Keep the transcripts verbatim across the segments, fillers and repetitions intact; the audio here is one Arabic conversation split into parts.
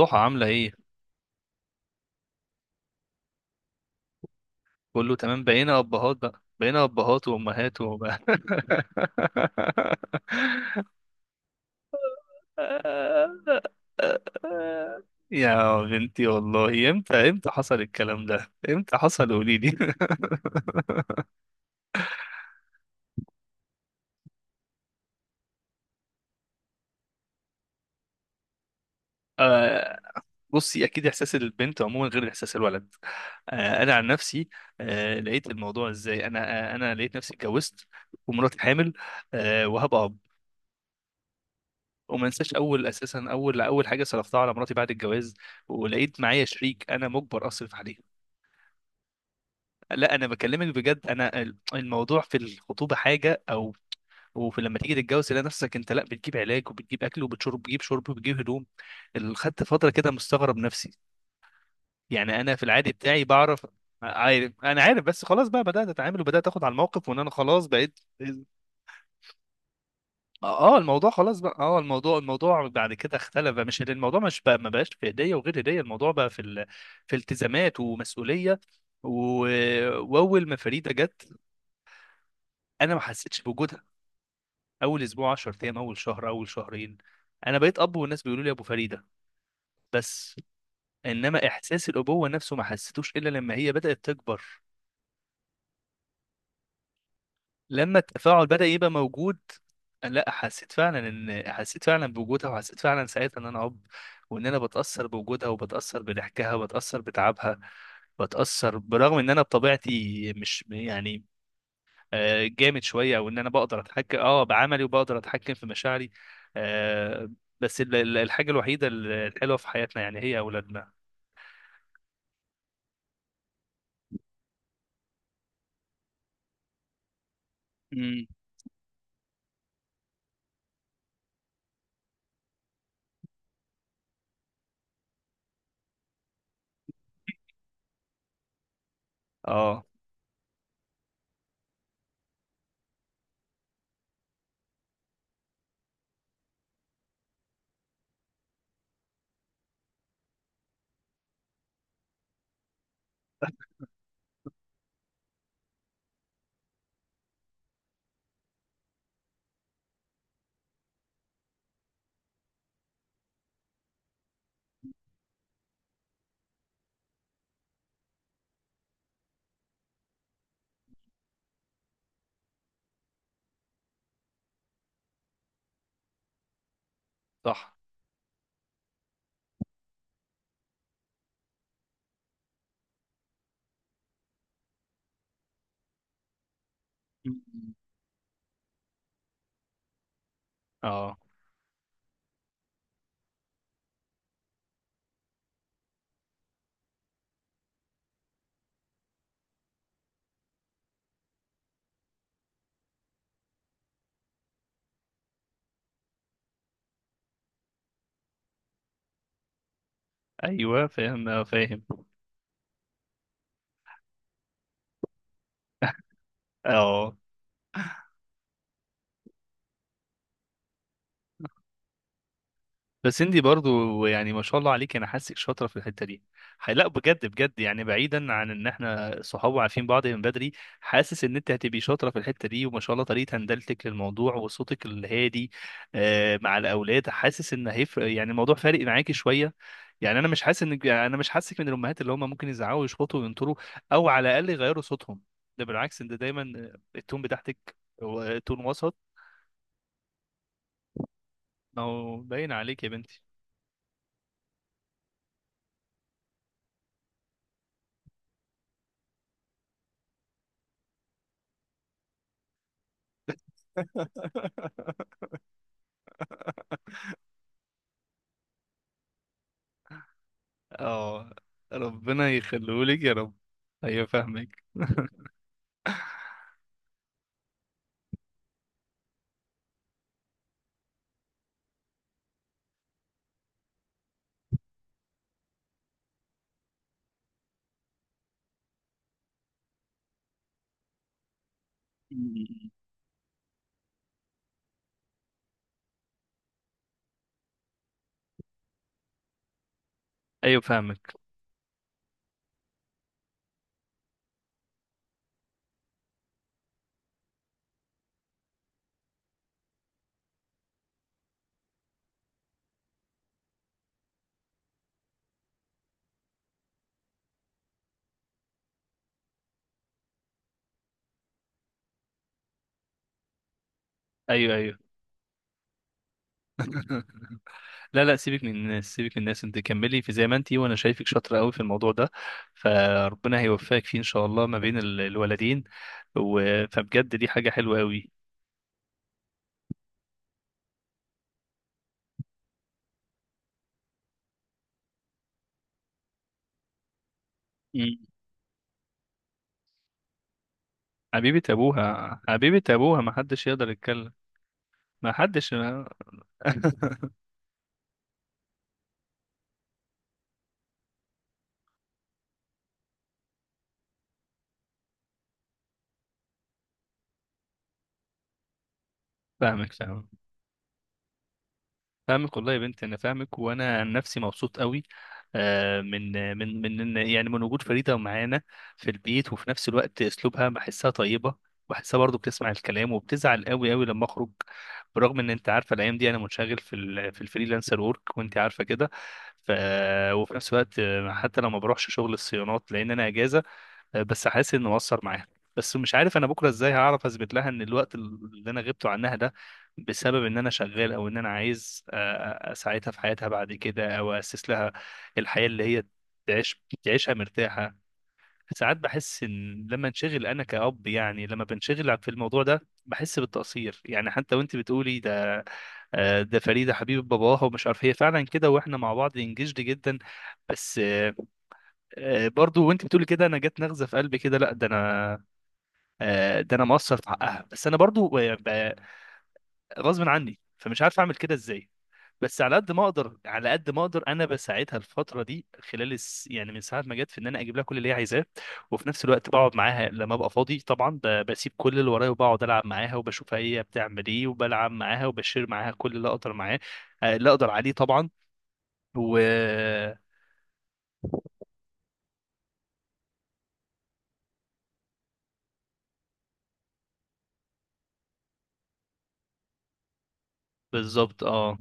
ضحى، عاملة ايه؟ كله تمام، بقينا أبهات بقى بقينا أبهات وأمهات وبقى. يا بنتي والله، امتى امتى حصل الكلام ده؟ امتى حصل؟ قوليلي. آه، بصي، أكيد إحساس البنت عموما غير إحساس الولد. آه، أنا عن نفسي، آه، لقيت الموضوع إزاي؟ أنا آه، أنا لقيت نفسي اتجوزت ومراتي حامل آه، وهبقى. وما انساش اول اساسا اول اول حاجه صرفتها على مراتي بعد الجواز، ولقيت معايا شريك انا مجبر اصرف عليه. لا، انا بكلمك بجد، انا ال- الموضوع في الخطوبه حاجه، او وفي لما تيجي تتجوز تلاقي نفسك انت لا بتجيب علاج وبتجيب اكل وبتشرب، بتجيب شرب وبتجيب هدوم. ال- خدت فتره كده مستغرب نفسي. يعني انا في العادي بتاعي بعرف. عارف انا عارف، بس خلاص بقى، بدات اتعامل وبدات اخد على الموقف، وان انا خلاص بقيت. اه الموضوع خلاص بقى. اه الموضوع الموضوع بعد كده اختلف بقى. مش الموضوع، مش بقى ما بقاش في هديه وغير هديه. الموضوع بقى في ال... في التزامات ومسؤوليه. و... واول ما فريده جت انا ما حسيتش بوجودها. اول اسبوع، عشر ايام، اول شهر، اول شهرين، انا بقيت اب والناس بيقولوا لي ابو فريده، بس. انما احساس الابوه نفسه ما حسيتوش الا لما هي بدات تكبر، لما التفاعل بدأ يبقى موجود. لا، حسيت فعلا ان حسيت فعلا بوجودها، وحسيت فعلا ساعتها ان انا اب، وان انا بتأثر بوجودها وبتأثر بضحكها وبتأثر بتعبها. بتأثر برغم ان انا بطبيعتي مش يعني آه، جامد شوية، او ان انا بقدر اتحكم اه بعملي وبقدر اتحكم في مشاعري. آه، بس ال- ال- الحاجة الوحيدة ال- الحلوة في حياتنا يعني هي اولادنا. امم. اه. صح. مم. اه. ايوه، فاهم آه، فاهم. اه. بس انتي برضو يعني ما شاء الله عليك، انا حاسك شاطره في الحته دي. ح- لا بجد بجد، يعني بعيدا عن ان احنا صحاب وعارفين بعض من بدري، حاسس ان انت هتبقي شاطره في الحته دي، وما شاء الله طريقه هندلتك للموضوع وصوتك الهادي آه، مع الاولاد. حاسس ان هيفرق، يعني الموضوع فارق معاكي شويه. يعني انا مش حاسس ان انا مش حاسك من الامهات اللي هم ممكن يزعقوا ويشخطوا وينطروا، او على الاقل يغيروا صوتهم. ده بالعكس، انت دايما التون بتاعتك هو تون وسط. ما هو باين عليك يا بنتي. اه، ربنا يخليهولك يا رب. ايوه فاهمك. ايوه فاهمك. ايوه. ايوه. لا لا، سيبك من الناس، سيبك من الناس، انت كملي في زي ما انتي، وانا شايفك شاطره قوي في الموضوع ده. فربنا هيوفقك فيه ان شاء الله ما بين ال- الولدين. و... فبجد دي حاجه حلوه قوي. مم. حبيبه ابوها، حبيبه ابوها، ما حدش يقدر يتكلم. ما حدش. فاهمك فاهمك. فاهمك والله يا بنت، انا فاهمك، وانا عن نفسي مبسوط قوي آه، من من من، يعني من وجود فريده معانا في البيت. وفي نفس الوقت اسلوبها بحسها طيبه، بحسها برضو بتسمع الكلام، وبتزعل قوي قوي لما اخرج. برغم ان انت عارفه الايام دي انا منشغل في ال في الفريلانسر ورك، وانت عارفه كده. ف وفي نفس الوقت آه، حتى لو ما بروحش شغل الصيانات لان انا اجازه. آه، بس حاسس انه مؤثر معاها. بس مش عارف انا بكره ازاي هعرف اثبت لها ان الوقت اللي انا غبته عنها ده بسبب ان انا شغال، او ان انا عايز أ- أ- اساعدها في حياتها بعد كده، او اسس لها الحياه اللي هي تعيش تعيشها مرتاحه. ساعات بحس ان لما انشغل انا كأب، يعني لما بنشغل في الموضوع ده بحس بالتقصير، يعني حتى وانت بتقولي ده آه، ده فريدة حبيبة باباها. ومش عارف هي فعلا كده، واحنا مع بعض انجزد جدا. بس آه، آه، برضو وانت بتقولي كده انا جت نغزة في قلبي كده. لا ده انا، آه، ده انا مقصر في حقها. بس انا برضو آه، ب- غصب عني فمش عارف اعمل كده ازاي. بس على قد ما اقدر، على قد ما اقدر انا بساعدها الفتره دي خلال الس... يعني من ساعه ما جت، في ان انا اجيب لها كل اللي هي عايزاه. وفي نفس الوقت بقعد معاها لما ابقى فاضي، طبعا ب- بسيب كل اللي ورايا، وبقعد العب معاها، وبشوفها هي بتعمل ايه، وبلعب معاها، وبشير معاها كل اللي اقدر معاه آه، اللي اقدر عليه طبعا. و بالظبط. اه.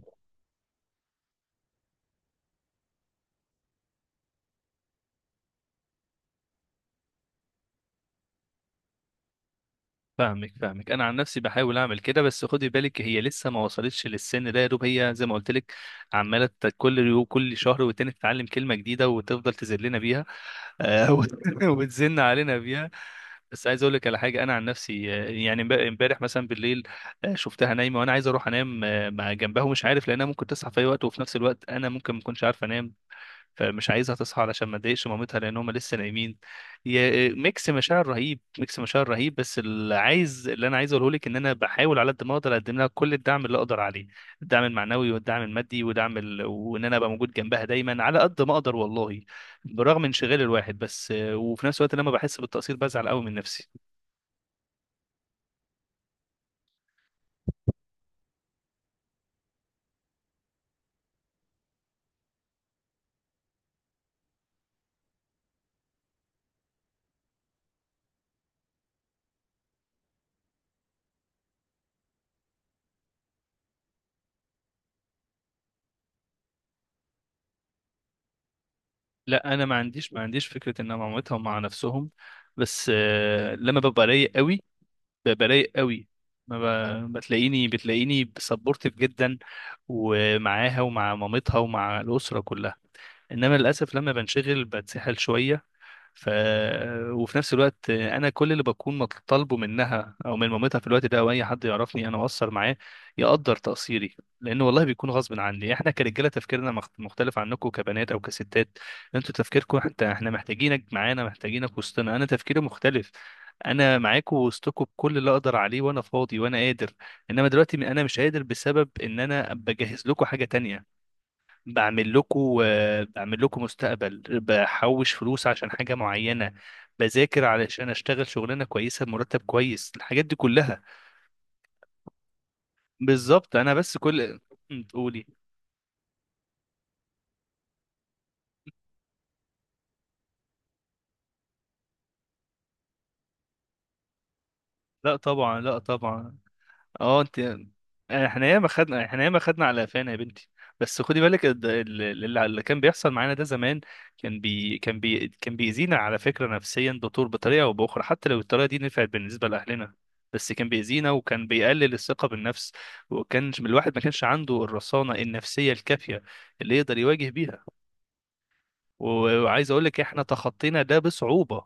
فاهمك فاهمك. انا عن نفسي بحاول اعمل كده، بس خدي بالك هي لسه ما وصلتش للسن ده، يا دوب هي زي ما قلت لك، عماله ت- كل يو- كل شهر والتاني تتعلم كلمه جديده وتفضل تذلنا بيها آه، وت- وتزن علينا بيها. بس عايز اقول لك على حاجه، انا عن نفسي آه، يعني امب- امبارح مثلا بالليل آه، شفتها نايمه، وانا عايز اروح انام آه، مع جنبها، ومش عارف لانها ممكن تصحى في اي وقت، وفي نفس الوقت انا ممكن ما اكونش عارف انام، فمش عايزها تصحى علشان ما تضايقش مامتها لان هم لسه نايمين. يا ميكس مشاعر رهيب، ميكس مشاعر رهيب. بس اللي عايز اللي انا عايز اقوله لك ان انا بحاول على قد ما اقدر اقدم لها كل الدعم اللي اقدر عليه. الدعم المعنوي والدعم المادي ودعم ال... وان انا ابقى موجود جنبها دايما على قد ما اقدر والله، برغم انشغال الواحد. بس وفي نفس الوقت لما بحس بالتقصير بزعل قوي من نفسي. لا انا ما عنديش ما عنديش فكره ان أنا مع مامتها ومع نفسهم. بس آه، لما ببقى رايق قوي، ب- برايق قوي، ما ب- بتلاقيني بتلاقيني سبورتيف جدا، ومعاها ومع مامتها ومع الأسرة كلها. انما للاسف لما بنشغل بتسحل شويه. ف وفي نفس الوقت انا كل اللي بكون مطالبه منها او من مامتها في الوقت ده، او اي حد يعرفني انا اقصر معاه، يقدر تقصيري، لان والله بيكون غصب عني. احنا كرجاله تفكيرنا مخ- مختلف عنكم كبنات او كستات. انتوا تفكيركم انت، احنا محتاجينك معانا، محتاجينك وسطنا. انا تفكيري مختلف، انا معاكم وسطكم بكل اللي اقدر عليه وانا فاضي وانا قادر. انما دلوقتي انا مش قادر بسبب ان انا بجهز لكم حاجه تانية، بعمل لكم بعمل لكم مستقبل، بحوش فلوس عشان حاجة معينة، بذاكر علشان اشتغل شغلانة كويسة بمرتب كويس، الحاجات دي كلها. بالظبط. انا بس كل. تقولي. لا طبعا، لا طبعا. اه انت، احنا ياما خدنا احنا ياما خدنا على قفانا يا بنتي. بس خدي بالك الد- ال- ال- اللي اللي كان بيحصل معانا ده زمان، كان بي كان بي كان بيأذينا على فكرة نفسيا دكتور، بطريقة او بأخرى. حتى لو الطريقة دي نفعت بالنسبة لأهلنا، بس كان بيأذينا، وكان بيقلل الثقة بالنفس. وكان الواحد ما كانش عنده الرصانة النفسية الكافية اللي يقدر يواجه بيها. و- وعايز اقول لك احنا تخطينا ده بصعوبة.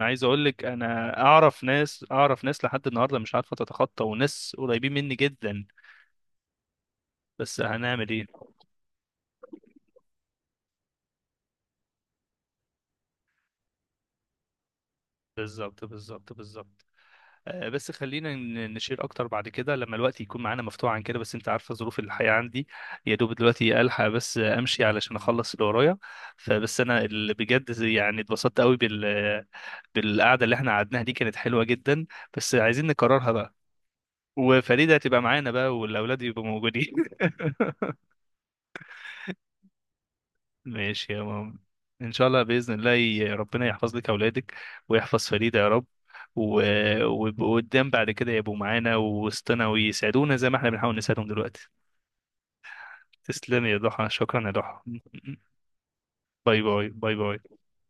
عايز اقول لك، انا اعرف ناس اعرف ناس لحد النهارده مش عارفه تتخطى، وناس قريبين مني جدا. بس هنعمل ايه. بالظبط، بالظبط، بالظبط. آه، بس خلينا ن- نشير اكتر بعد كده لما الوقت يكون معانا مفتوح عن كده، بس انت عارفه ظروف الحياه عندي. يا دوب دلوقتي الحق بس آه، امشي علشان اخلص اللي ورايا. فبس انا اللي بجد زي- يعني اتبسطت قوي بال بالقعده اللي احنا قعدناها دي، كانت حلوه جدا، بس عايزين نكررها بقى، وفريده هتبقى معانا بقى، والاولاد يبقوا موجودين. ماشي يا ماما، ان شاء الله باذن الله ي- ربنا يحفظ لك اولادك، ويحفظ فريدة يا رب، و- ويبقوا قدام بعد كده، يبقوا معانا ووسطنا ويسعدونا زي ما احنا بنحاول نساعدهم دلوقتي. تسلمي يا ضحى، شكرا يا ضحى. باي باي، باي باي.